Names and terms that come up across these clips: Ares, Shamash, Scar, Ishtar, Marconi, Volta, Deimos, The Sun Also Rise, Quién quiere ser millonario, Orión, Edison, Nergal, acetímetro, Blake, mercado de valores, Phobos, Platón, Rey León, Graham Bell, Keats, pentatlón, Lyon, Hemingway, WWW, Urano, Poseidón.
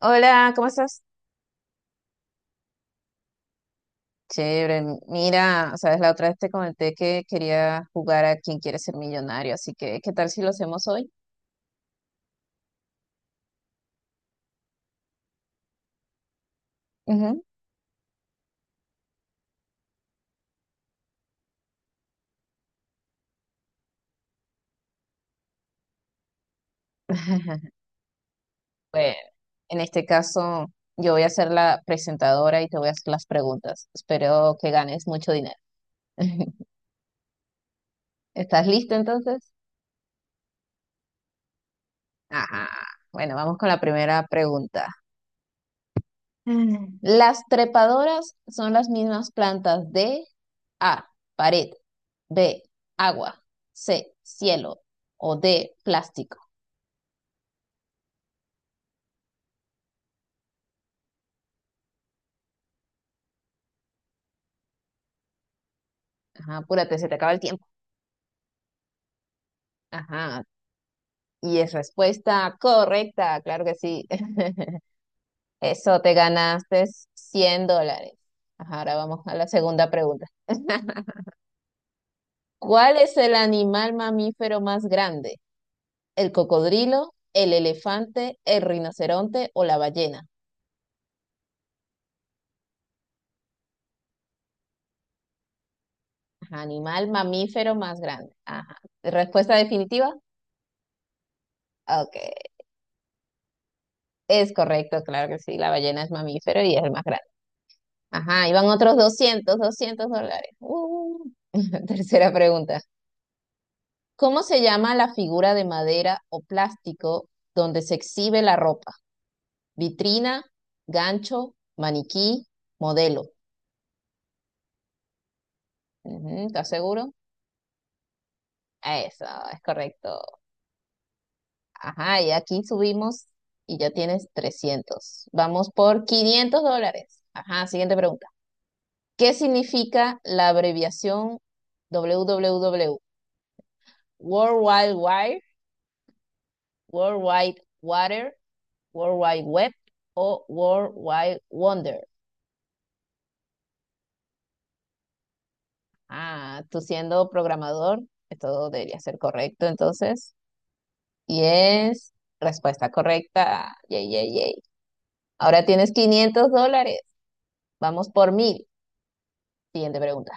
Hola, ¿cómo estás? Chévere. Mira, sabes, la otra vez te comenté que quería jugar a Quién quiere ser millonario, así que ¿qué tal si lo hacemos hoy? Ujú. Bueno, en este caso yo voy a ser la presentadora y te voy a hacer las preguntas. Espero que ganes mucho dinero. ¿Estás listo entonces? Ajá. Bueno, vamos con la primera pregunta. Mm. Las trepadoras son las mismas plantas de A, pared; B, agua; C, cielo; o D, plástico. Ajá, apúrate, se te acaba el tiempo. Ajá, y es respuesta correcta, claro que sí. Eso te ganaste 100 dólares. Ajá, ahora vamos a la segunda pregunta. ¿Cuál es el animal mamífero más grande? ¿El cocodrilo, el elefante, el rinoceronte o la ballena? Ajá, animal mamífero más grande. Ajá. Respuesta definitiva. Ok, es correcto, claro que sí, la ballena es mamífero y es el más grande. Ajá, iban otros doscientos dólares. Tercera pregunta. ¿Cómo se llama la figura de madera o plástico donde se exhibe la ropa? Vitrina, gancho, maniquí, modelo. Ujú, ¿estás seguro? Eso, es correcto. Ajá, y aquí subimos y ya tienes 300. Vamos por 500 dólares. Ajá, siguiente pregunta. ¿Qué significa la abreviación WWW? World Wide Wire, World Wide Water, World Wide Web o World Wide Wonder. Ah, tú siendo programador, esto debería ser correcto entonces. Y es respuesta correcta. Yay, yay, yay. Ahora tienes 500 dólares. Vamos por 1000. Siguiente pregunta.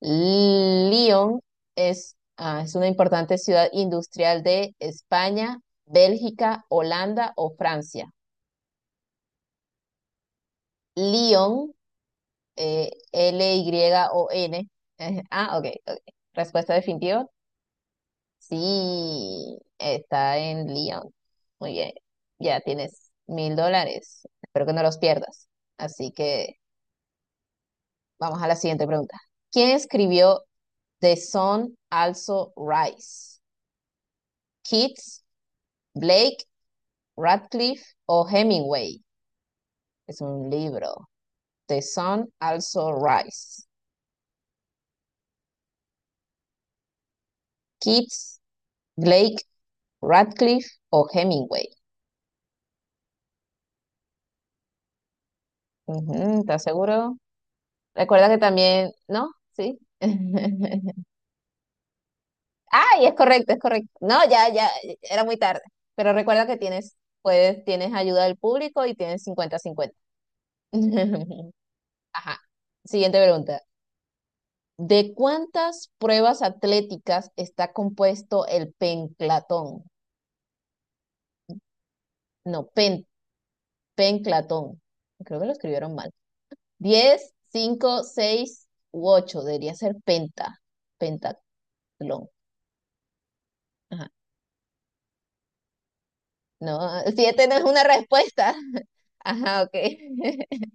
Lyon es, ah, es una importante ciudad industrial de España, Bélgica, Holanda o Francia. Lyon, Lyon. Ah, ok, ok. Respuesta definitiva. Sí, está en Lyon. Muy bien. Ya tienes 1000 dólares. Espero que no los pierdas. Así que vamos a la siguiente pregunta. ¿Quién escribió The Sun Also Rise? ¿Keats, Blake, Radcliffe o Hemingway? Es un libro. The Sun Also Rise. Keats, Blake, Radcliffe o Hemingway. Ujú, ¿estás seguro? Recuerda que también, ¿no? Sí. Ay, es correcto, es correcto. No, ya, ya, era muy tarde. Pero recuerda que tienes, puedes, tienes ayuda del público y tienes 50/50. Ajá. Siguiente pregunta. ¿De cuántas pruebas atléticas está compuesto el penclatón? No, penclatón. Creo que lo escribieron mal. 10, 5, 6 u 8. Debería ser pentatlón. Ajá. No, 7 no es una respuesta. Ajá, ok.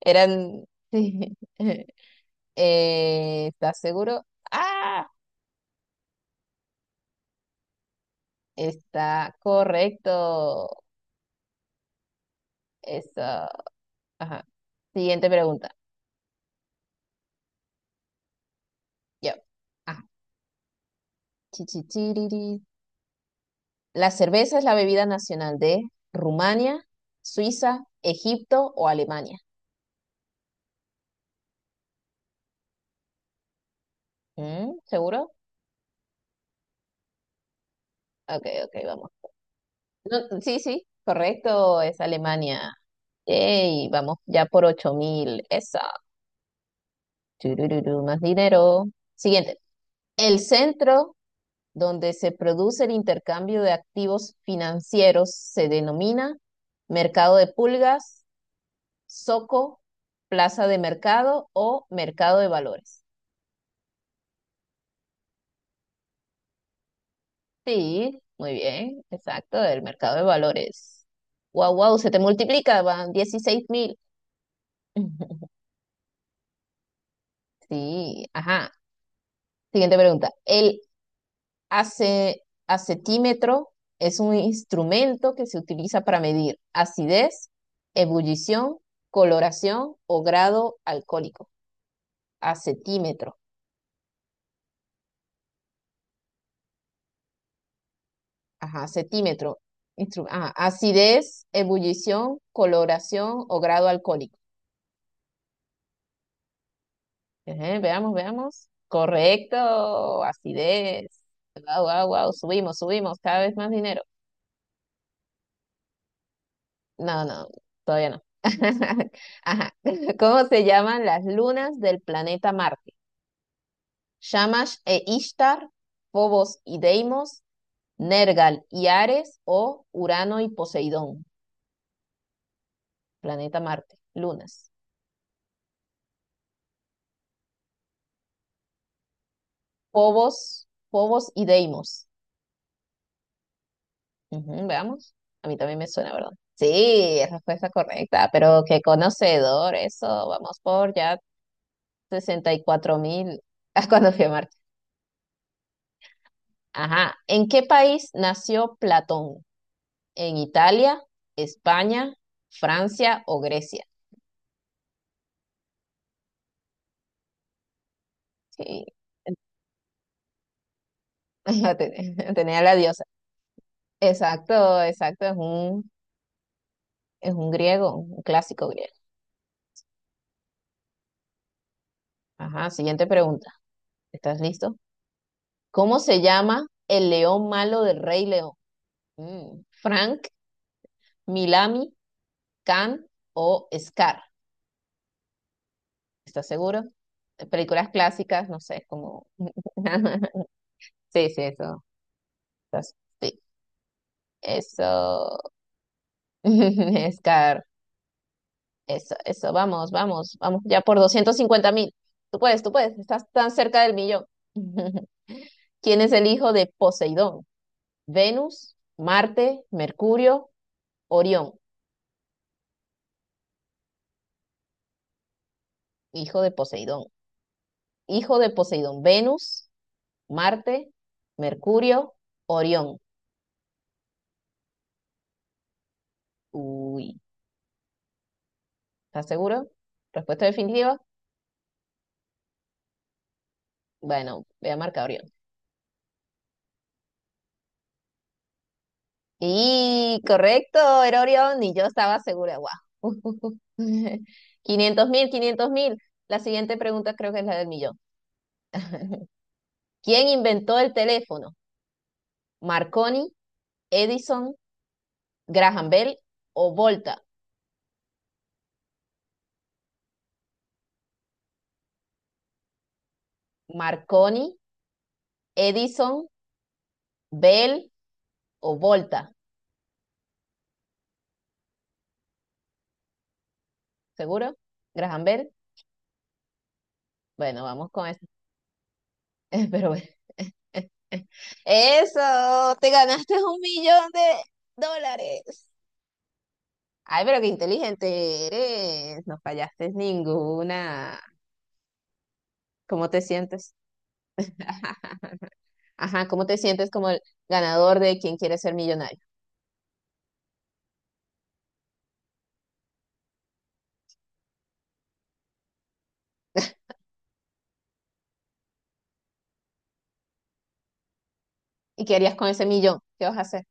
Eran, sí. ¿Estás seguro? Ah, está correcto. Eso. Ajá. Siguiente pregunta. Yo. Ajá. La cerveza es la bebida nacional de Rumania, Suiza, Egipto o Alemania. Mm, ¿seguro? Ok, ok, vamos. No, sí, sí, correcto, es Alemania. Yay, vamos ya por 8.000. Esa. Turururu, más dinero. Siguiente. El centro donde se produce el intercambio de activos financieros se denomina mercado de pulgas, zoco, plaza de mercado o mercado de valores. Sí, muy bien, exacto, del mercado de valores. Wow, wow, se te multiplica, van 16.000. Sí, ajá. Siguiente pregunta. El ace- acetímetro es un instrumento que se utiliza para medir acidez, ebullición, coloración o grado alcohólico. Acetímetro. Ajá, acetímetro. Ajá, acidez, ebullición, coloración o grado alcohólico. Ajá, veamos, veamos. Correcto, acidez. Wow, wow, wow. Subimos, subimos, cada vez más dinero. No, no, todavía no. Ajá. ¿Cómo se llaman las lunas del planeta Marte? Shamash e Ishtar, Phobos y Deimos, Nergal y Ares o Urano y Poseidón. Planeta Marte, lunas. Phobos y Deimos. Ujú, veamos. A mí también me suena, ¿verdad? Sí, es respuesta correcta, pero qué conocedor, eso. Vamos por ya 64.000. Cuando fui a Marte. Ajá. ¿En qué país nació Platón? ¿En Italia, España, Francia o Grecia? Sí, la ten- tenía la diosa. Exacto, exacto. Es un griego, un clásico griego. Ajá. Siguiente pregunta. ¿Estás listo? ¿Cómo se llama el león malo del Rey León? Mm, Frank, Milami, Can o Scar. ¿Estás seguro? Películas clásicas, no sé, como... Sí, sí, eso. Estás- Sí, eso. Scar, eso, eso. Vamos, vamos, vamos ya por 250.000. Tú puedes, tú puedes. Estás tan cerca del millón. ¿Quién es el hijo de Poseidón? Venus, Marte, Mercurio, Orión. Hijo de Poseidón. Hijo de Poseidón. Venus, Marte, Mercurio, Orión. Uy, ¿estás seguro? ¿Respuesta definitiva? Bueno, voy a marcar Orión. Y correcto, era Orión y yo estaba segura. ¡Guau! 500.000, 500.000. La siguiente pregunta creo que es la del millón. ¿Quién inventó el teléfono? ¿Marconi, Edison, Graham Bell o Volta? Marconi, Edison, Bell o Volta. ¿Seguro? ¿Graham Bell? Bueno, vamos con eso. Pero bueno. Eso, te ganaste 1.000.000 de dólares. Ay, pero qué inteligente eres. No fallaste ninguna. ¿Cómo te sientes? Ajá, ¿cómo te sientes como el ganador de quien quiere ser millonario? ¿Y qué harías con ese millón? ¿Qué vas a hacer?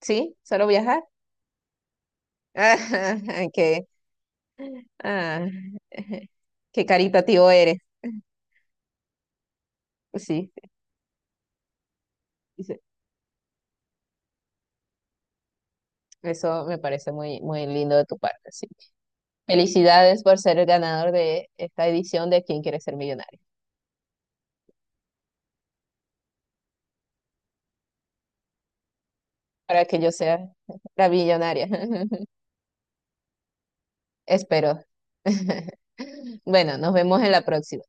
¿Sí? ¿Solo viajar? Ajá, qué, ah, qué caritativo eres. Sí, sí, eso me parece muy, muy lindo de tu parte. Sí. Felicidades por ser el ganador de esta edición de quién quiere ser millonario. Para que yo sea la millonaria. Espero. Bueno, nos vemos en la próxima.